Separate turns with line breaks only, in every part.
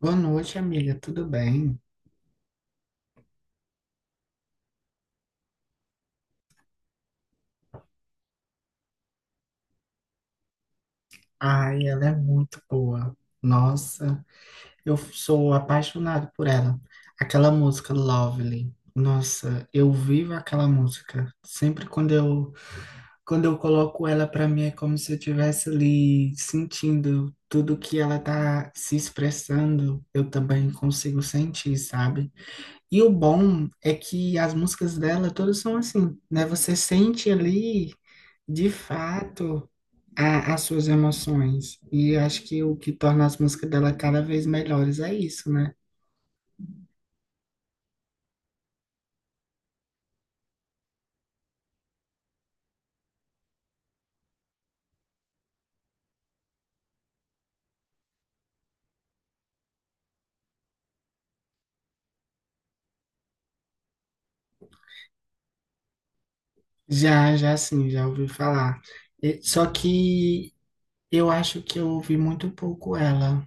Boa noite, amiga. Tudo bem? Ai, ela é muito boa. Nossa, eu sou apaixonado por ela. Aquela música Lovely. Nossa, eu vivo aquela música. Sempre quando eu coloco ela pra mim é como se eu estivesse ali sentindo tudo que ela tá se expressando. Eu também consigo sentir, sabe? E o bom é que as músicas dela todas são assim, né? Você sente ali de fato as suas emoções. E acho que o que torna as músicas dela cada vez melhores é isso, né? Já sim, já ouvi falar. Só que eu acho que eu ouvi muito pouco ela.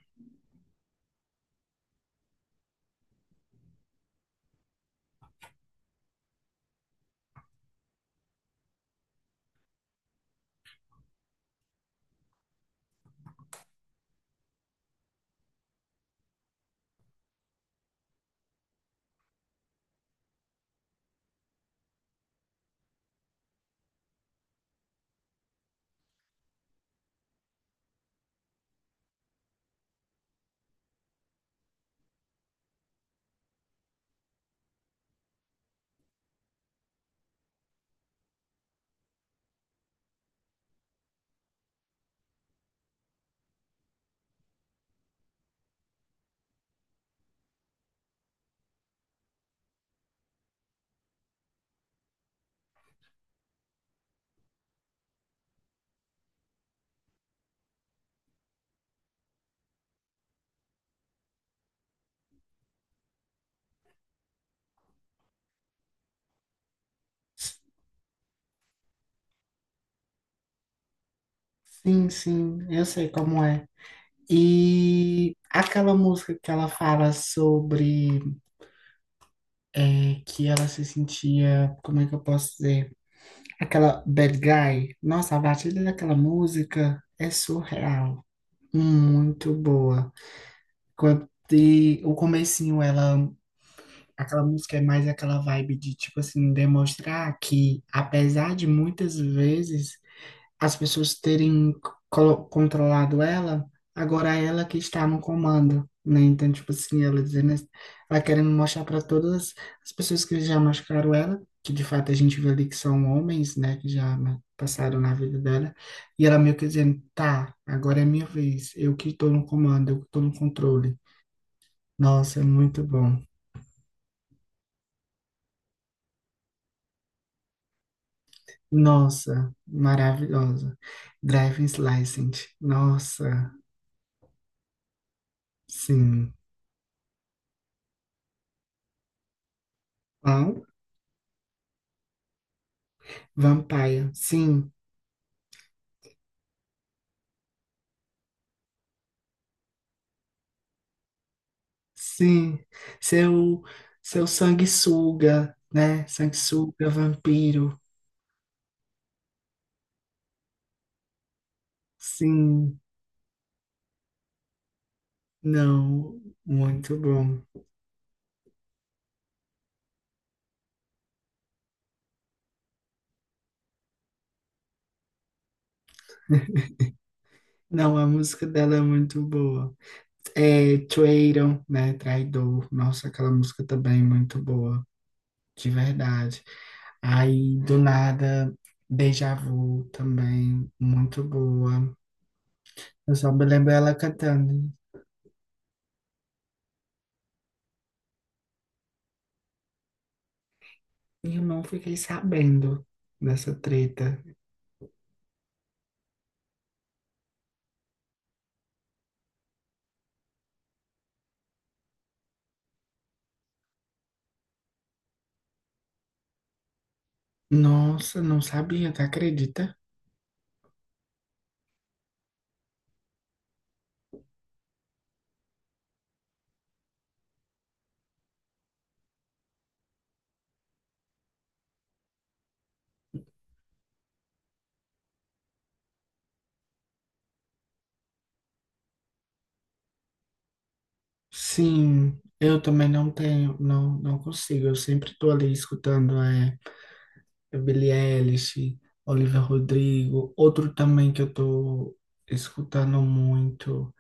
S- sim, eu sei como é. E aquela música que ela fala sobre, que ela se sentia, como é que eu posso dizer? Aquela Bad Guy. Nossa, a batida daquela música é surreal. Muito boa. Quando e o comecinho, ela, aquela música é mais aquela vibe de, tipo assim, demonstrar que, apesar de muitas vezes as pessoas terem controlado ela, agora é ela que está no comando, né? Então, tipo assim, ela dizendo, ela querendo mostrar para todas as pessoas que já machucaram ela, que de fato a gente vê ali que são homens, né, que já, né, passaram na vida dela, e ela meio que dizendo: tá, agora é minha vez, eu que estou no comando, eu que estou no controle. Nossa, muito bom. Nossa, maravilhosa. Driving License. Nossa, sim. Qual? Vampire. Sim, sim. Seu, seu sanguessuga, né? Sanguessuga, vampiro. Sim. Não, muito bom. Não, a música dela é muito boa. É Traitor, né? Traidor. Nossa, aquela música também é muito boa. De verdade. Aí, do nada, Deja Vu também, muito boa. Eu só me lembro ela cantando. E eu não fiquei sabendo dessa treta. Nossa, não sabia, tá? Acredita? Sim, eu também não tenho, não, não consigo. Eu sempre tô ali escutando, Billie Eilish, Olivia Rodrigo. Outro também que eu tô escutando muito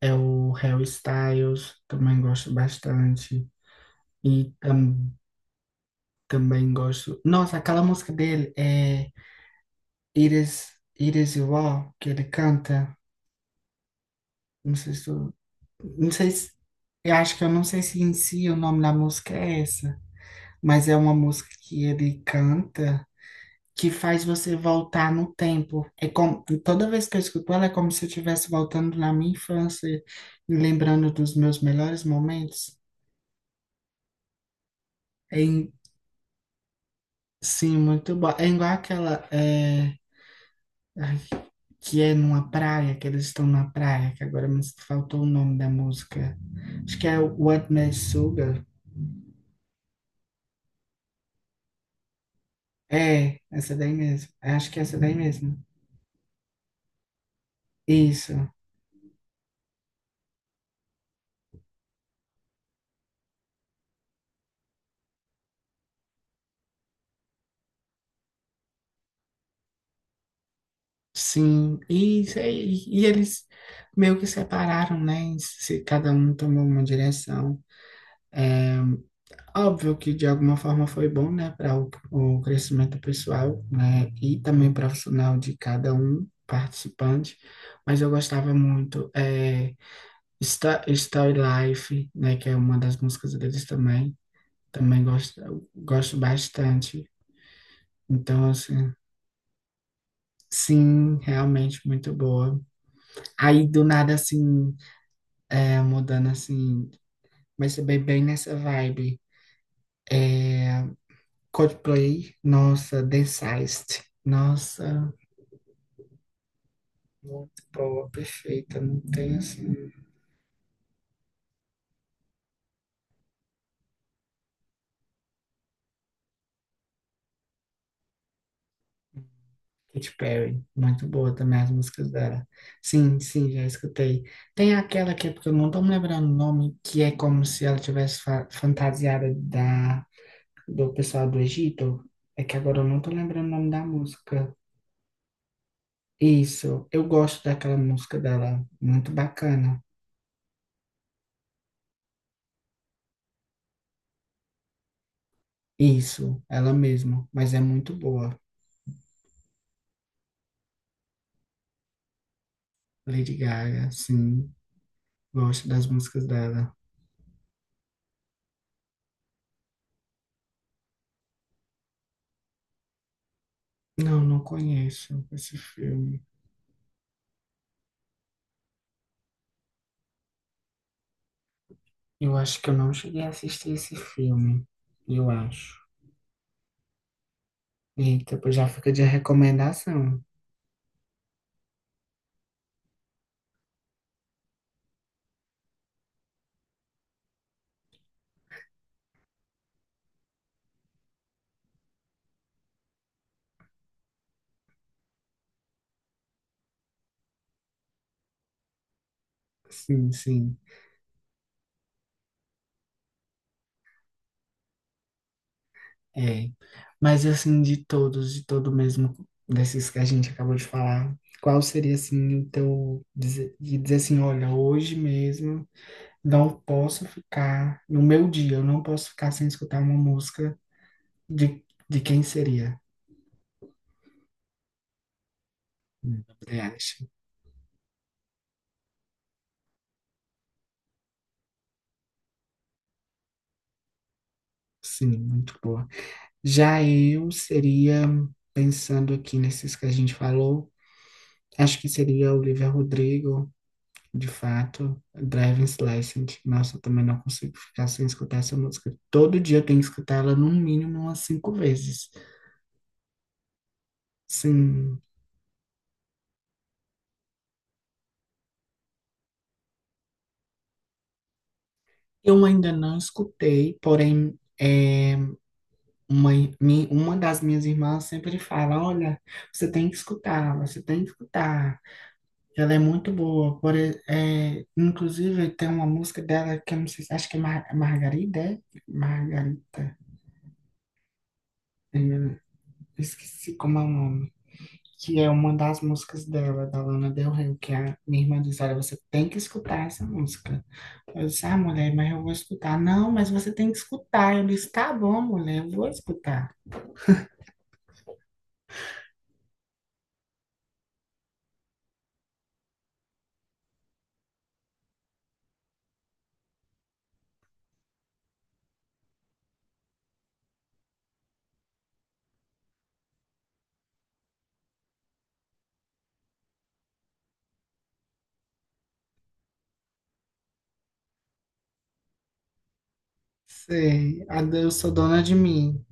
é o Harry Styles, também gosto bastante. E tam, também gosto. Nossa, aquela música dele é It Is, It Is You All, que ele canta. Não sei se tu, não sei se, eu acho que eu não sei se em si o nome da música é essa, mas é uma música que ele canta, que faz você voltar no tempo. É como, toda vez que eu escuto ela, é como se eu estivesse voltando na minha infância, me lembrando dos meus melhores momentos. É, in- sim, muito bom. É igual aquela, ai, que é numa praia, que eles estão na praia, que agora me faltou o nome da música. Acho que é o What Made Sugar. É, essa daí mesmo. Acho que é essa daí mesmo. Isso. Sim, e, isso, e eles meio que separaram, né? Se cada um tomou uma direção. É, óbvio que de alguma forma foi bom, né, para o crescimento pessoal, né, e também profissional de cada um participante, mas eu gostava muito. É, Story Life, né, que é uma das músicas deles também, também gosto, gosto bastante. Então, assim, sim, realmente muito boa. Aí do nada assim. É, mudando assim, mas é bem, bem nessa vibe. É, Coldplay, nossa, Densized, nossa, muito boa, perfeita, não tem assim. Katy Perry, muito boa também as músicas dela. Sim, sim, já escutei. Tem aquela que, é porque eu não tô me lembrando o nome, que é como se ela tivesse fantasiada da, do pessoal do Egito. É que agora eu não tô lembrando o nome da música. Isso, eu gosto daquela música dela, muito bacana. Isso, ela mesma, mas é muito boa. Lady Gaga, sim, gosto das músicas dela. Não, não conheço esse filme. Eu acho que eu não cheguei a assistir esse filme, eu acho. Eita, pois já fica de recomendação. Sim, sim, é. Mas assim, de todos, de todo mesmo, desses que a gente acabou de falar, qual seria assim o teu, dizer, de dizer assim: olha, hoje mesmo não posso ficar no meu dia, eu não posso ficar sem escutar uma música de, de quem seria? Eu acho. Sim, muito boa. Já eu seria, pensando aqui nesses que a gente falou, acho que seria Olivia Rodrigo, de fato, Driving License. Nossa, eu também não consigo ficar sem escutar essa música. Todo dia eu tenho que escutar ela no mínimo umas 5 vezes. Sim, eu ainda não escutei, porém. Uma, uma das minhas irmãs sempre fala: olha, você tem que escutar, você tem que escutar. Ela é muito boa. É, inclusive, tem uma música dela que eu não sei, acho que é Mar Margarida, é? Margarita. Eu esqueci como é o nome. Que é uma das músicas dela, da Lana Del Rey, que é a minha irmã diz: olha, você tem que escutar essa música. Eu disse: ah, mulher, mas eu vou escutar. Não, mas você tem que escutar. Eu disse: tá bom, mulher, eu vou escutar. Sei, eu sou dona de mim.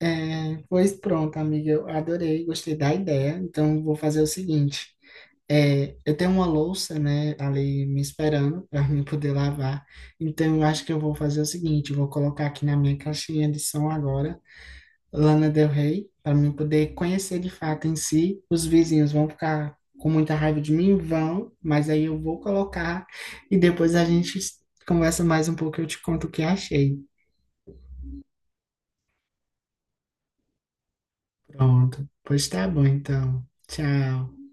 É, pois pronto, amiga, eu adorei, gostei da ideia. Então, vou fazer o seguinte: eu tenho uma louça, né, ali me esperando para mim poder lavar. Então, eu acho que eu vou fazer o seguinte: eu vou colocar aqui na minha caixinha de som agora, Lana Del Rey, para mim poder conhecer de fato em si. Os vizinhos vão ficar com muita raiva de mim, vão, mas aí eu vou colocar e depois a gente conversa mais um pouco. Eu te conto o que achei. Pronto, pois tá bom, então. Tchau.